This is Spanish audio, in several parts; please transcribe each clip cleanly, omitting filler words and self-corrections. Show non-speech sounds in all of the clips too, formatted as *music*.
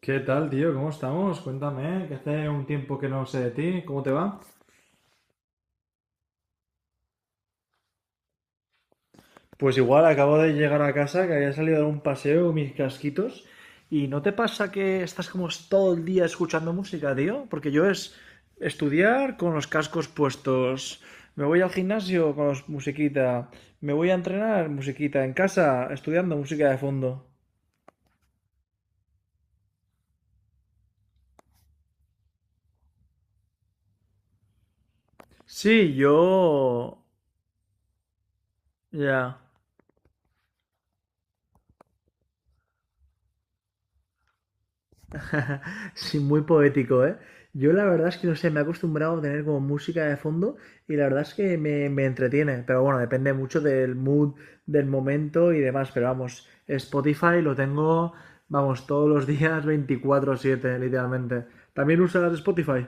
¿Qué tal, tío? ¿Cómo estamos? Cuéntame, que hace un tiempo que no sé de ti, ¿cómo te va? Pues igual acabo de llegar a casa, que había salido a dar un paseo con mis casquitos. ¿Y no te pasa que estás como todo el día escuchando música, tío? Porque yo es estudiar con los cascos puestos. Me voy al gimnasio con musiquita. Me voy a entrenar, musiquita. En casa, estudiando música de fondo. Sí, yo... Ya. *laughs* Sí, muy poético, ¿eh? Yo la verdad es que no sé, me he acostumbrado a tener como música de fondo y la verdad es que me entretiene, pero bueno, depende mucho del mood, del momento y demás, pero vamos, Spotify lo tengo, vamos, todos los *laughs* días 24/7 literalmente. ¿También usas Spotify?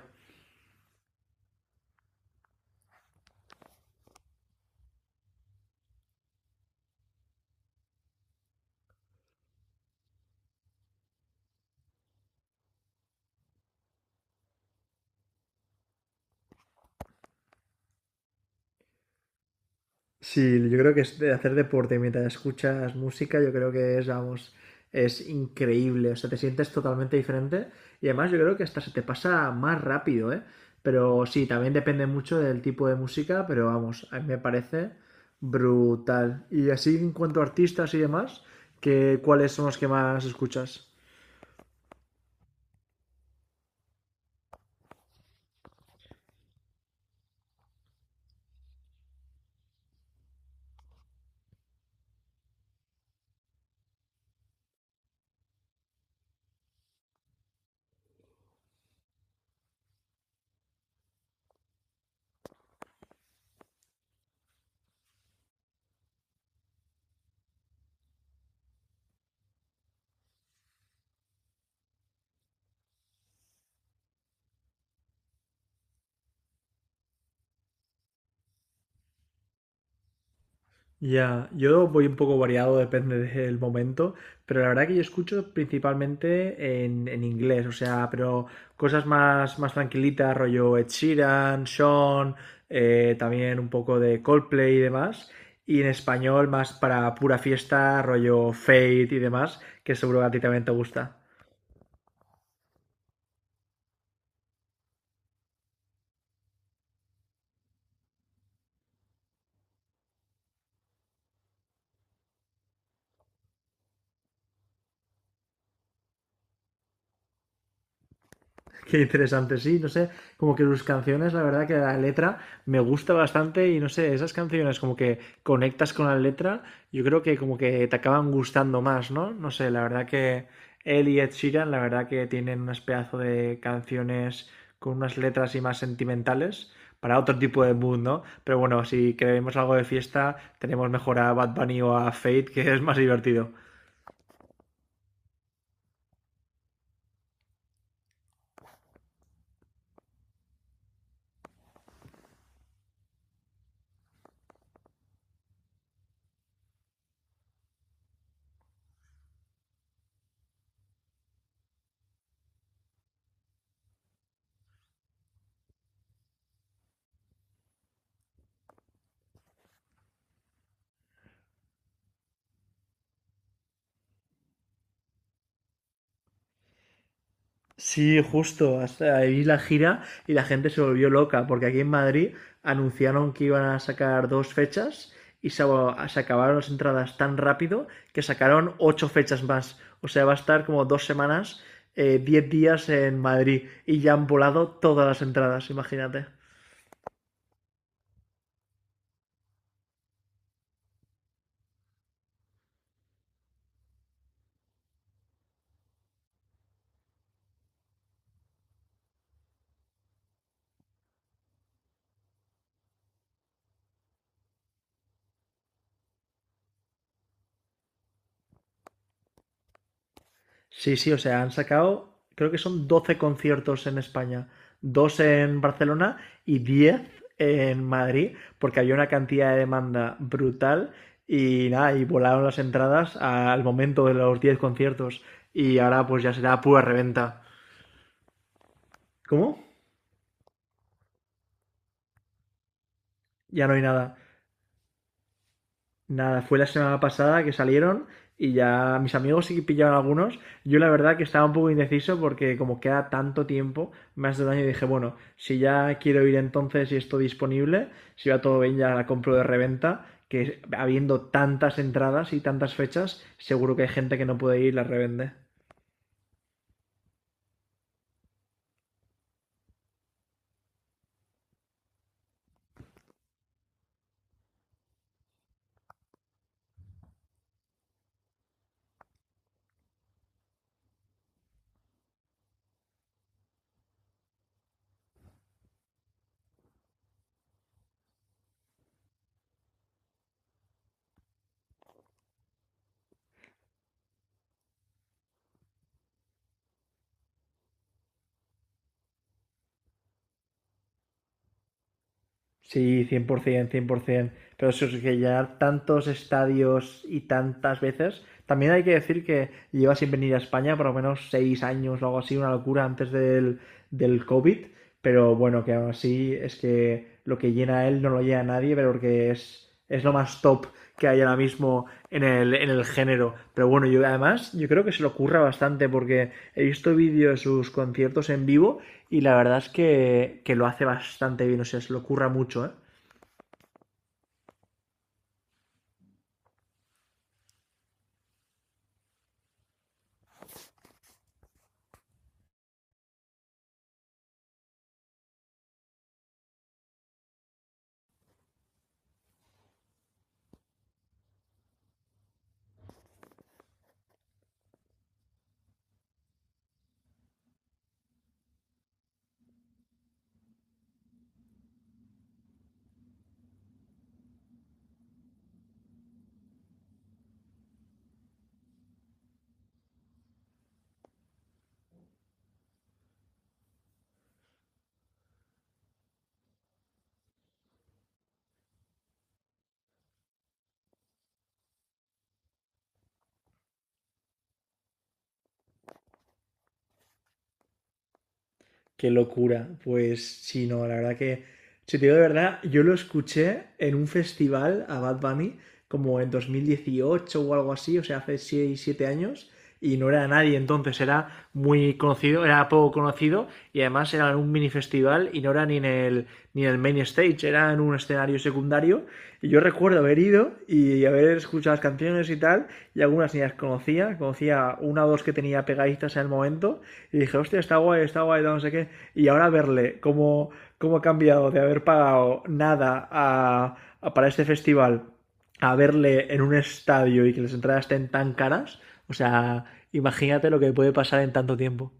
Sí, yo creo que es de hacer deporte mientras escuchas música, yo creo que es, vamos, es increíble. O sea, te sientes totalmente diferente y además yo creo que hasta se te pasa más rápido, ¿eh? Pero sí, también depende mucho del tipo de música, pero vamos, a mí me parece brutal. Y así en cuanto a artistas y demás, ¿qué ¿cuáles son los que más escuchas? Ya, yo voy un poco variado, depende del momento, pero la verdad que yo escucho principalmente en inglés, o sea, pero cosas más, más tranquilitas, rollo Ed Sheeran, Sean, también un poco de Coldplay y demás, y en español más para pura fiesta, rollo Fate y demás, que seguro que a ti también te gusta. *laughs* Qué interesante, sí, no sé, como que sus canciones, la verdad que la letra me gusta bastante y no sé, esas canciones como que conectas con la letra, yo creo que como que te acaban gustando más, ¿no? No sé, la verdad que él y Ed Sheeran, la verdad que tienen unas pedazo de canciones con unas letras y más sentimentales para otro tipo de mood, ¿no? Pero bueno, si queremos algo de fiesta, tenemos mejor a Bad Bunny o a Fate, que es más divertido. Sí, justo, hasta ahí la gira y la gente se volvió loca, porque aquí en Madrid anunciaron que iban a sacar dos fechas y se acabaron las entradas tan rápido que sacaron 8 fechas más. O sea, va a estar como dos semanas, 10 días en Madrid y ya han volado todas las entradas, imagínate. Sí, sí, o sea, han sacado, creo que son 12 conciertos en España, dos en Barcelona y 10 en Madrid, porque había una cantidad de demanda brutal y nada, y volaron las entradas al momento de los 10 conciertos y ahora pues ya será pura reventa. ¿Cómo? Ya no hay nada. Nada, fue la semana pasada que salieron y ya mis amigos sí que pillaron algunos. Yo la verdad que estaba un poco indeciso porque como queda tanto tiempo, más de un año, dije, bueno, si ya quiero ir entonces y esto disponible, si va todo bien ya la compro de reventa, que habiendo tantas entradas y tantas fechas, seguro que hay gente que no puede ir y la revende. Sí, cien, por ciento, cien por 100%. Pero eso es que llenar tantos estadios y tantas veces. También hay que decir que lleva sin venir a España por lo menos 6 años o algo así, una locura antes del COVID. Pero bueno, que aún así es que lo que llena él no lo llena nadie, pero porque es lo más top que hay ahora mismo en el género. Pero bueno, yo además, yo creo que se lo curra bastante porque he visto vídeos de sus conciertos en vivo y la verdad es que lo hace bastante bien, o sea, se lo curra mucho, ¿eh? Qué locura. Pues sí, no, la verdad que, si te digo de verdad, yo lo escuché en un festival a Bad Bunny como en 2018 o algo así, o sea, hace 6 7 años, y no era nadie entonces, era muy conocido, era poco conocido, y además era en un mini festival y no era ni en el, ni en el main stage, era en un escenario secundario. Y yo recuerdo haber ido y haber escuchado las canciones y tal, y algunas ni las conocía, conocía una o dos que tenía pegaditas en el momento, y dije, hostia, está guay, no sé qué. Y ahora verle cómo, cómo ha cambiado de haber pagado nada para este festival a verle en un estadio y que las entradas estén tan caras. O sea, imagínate lo que puede pasar en tanto tiempo.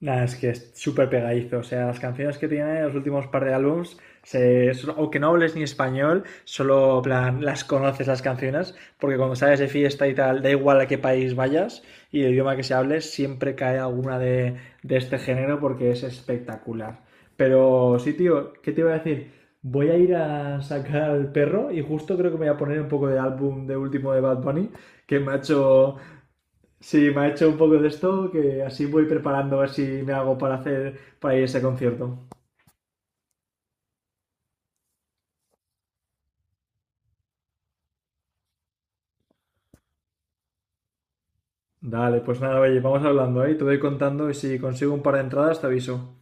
Nada, es que es súper pegadizo. O sea, las canciones que tiene, los últimos par de álbums, aunque no hables ni español, solo plan, las conoces las canciones, porque cuando sales de fiesta y tal, da igual a qué país vayas y el idioma que se hable, siempre cae alguna de este género porque es espectacular. Pero sí, tío, ¿qué te iba a decir? Voy a ir a sacar al perro y justo creo que me voy a poner un poco de álbum de último de Bad Bunny, que me ha hecho Sí, me ha hecho un poco de esto, que así voy preparando a ver si me hago para hacer para ir a ese concierto. Dale, pues nada, oye, vamos hablando, ¿eh? Te voy contando y si consigo un par de entradas te aviso.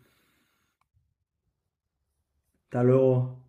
Hasta luego.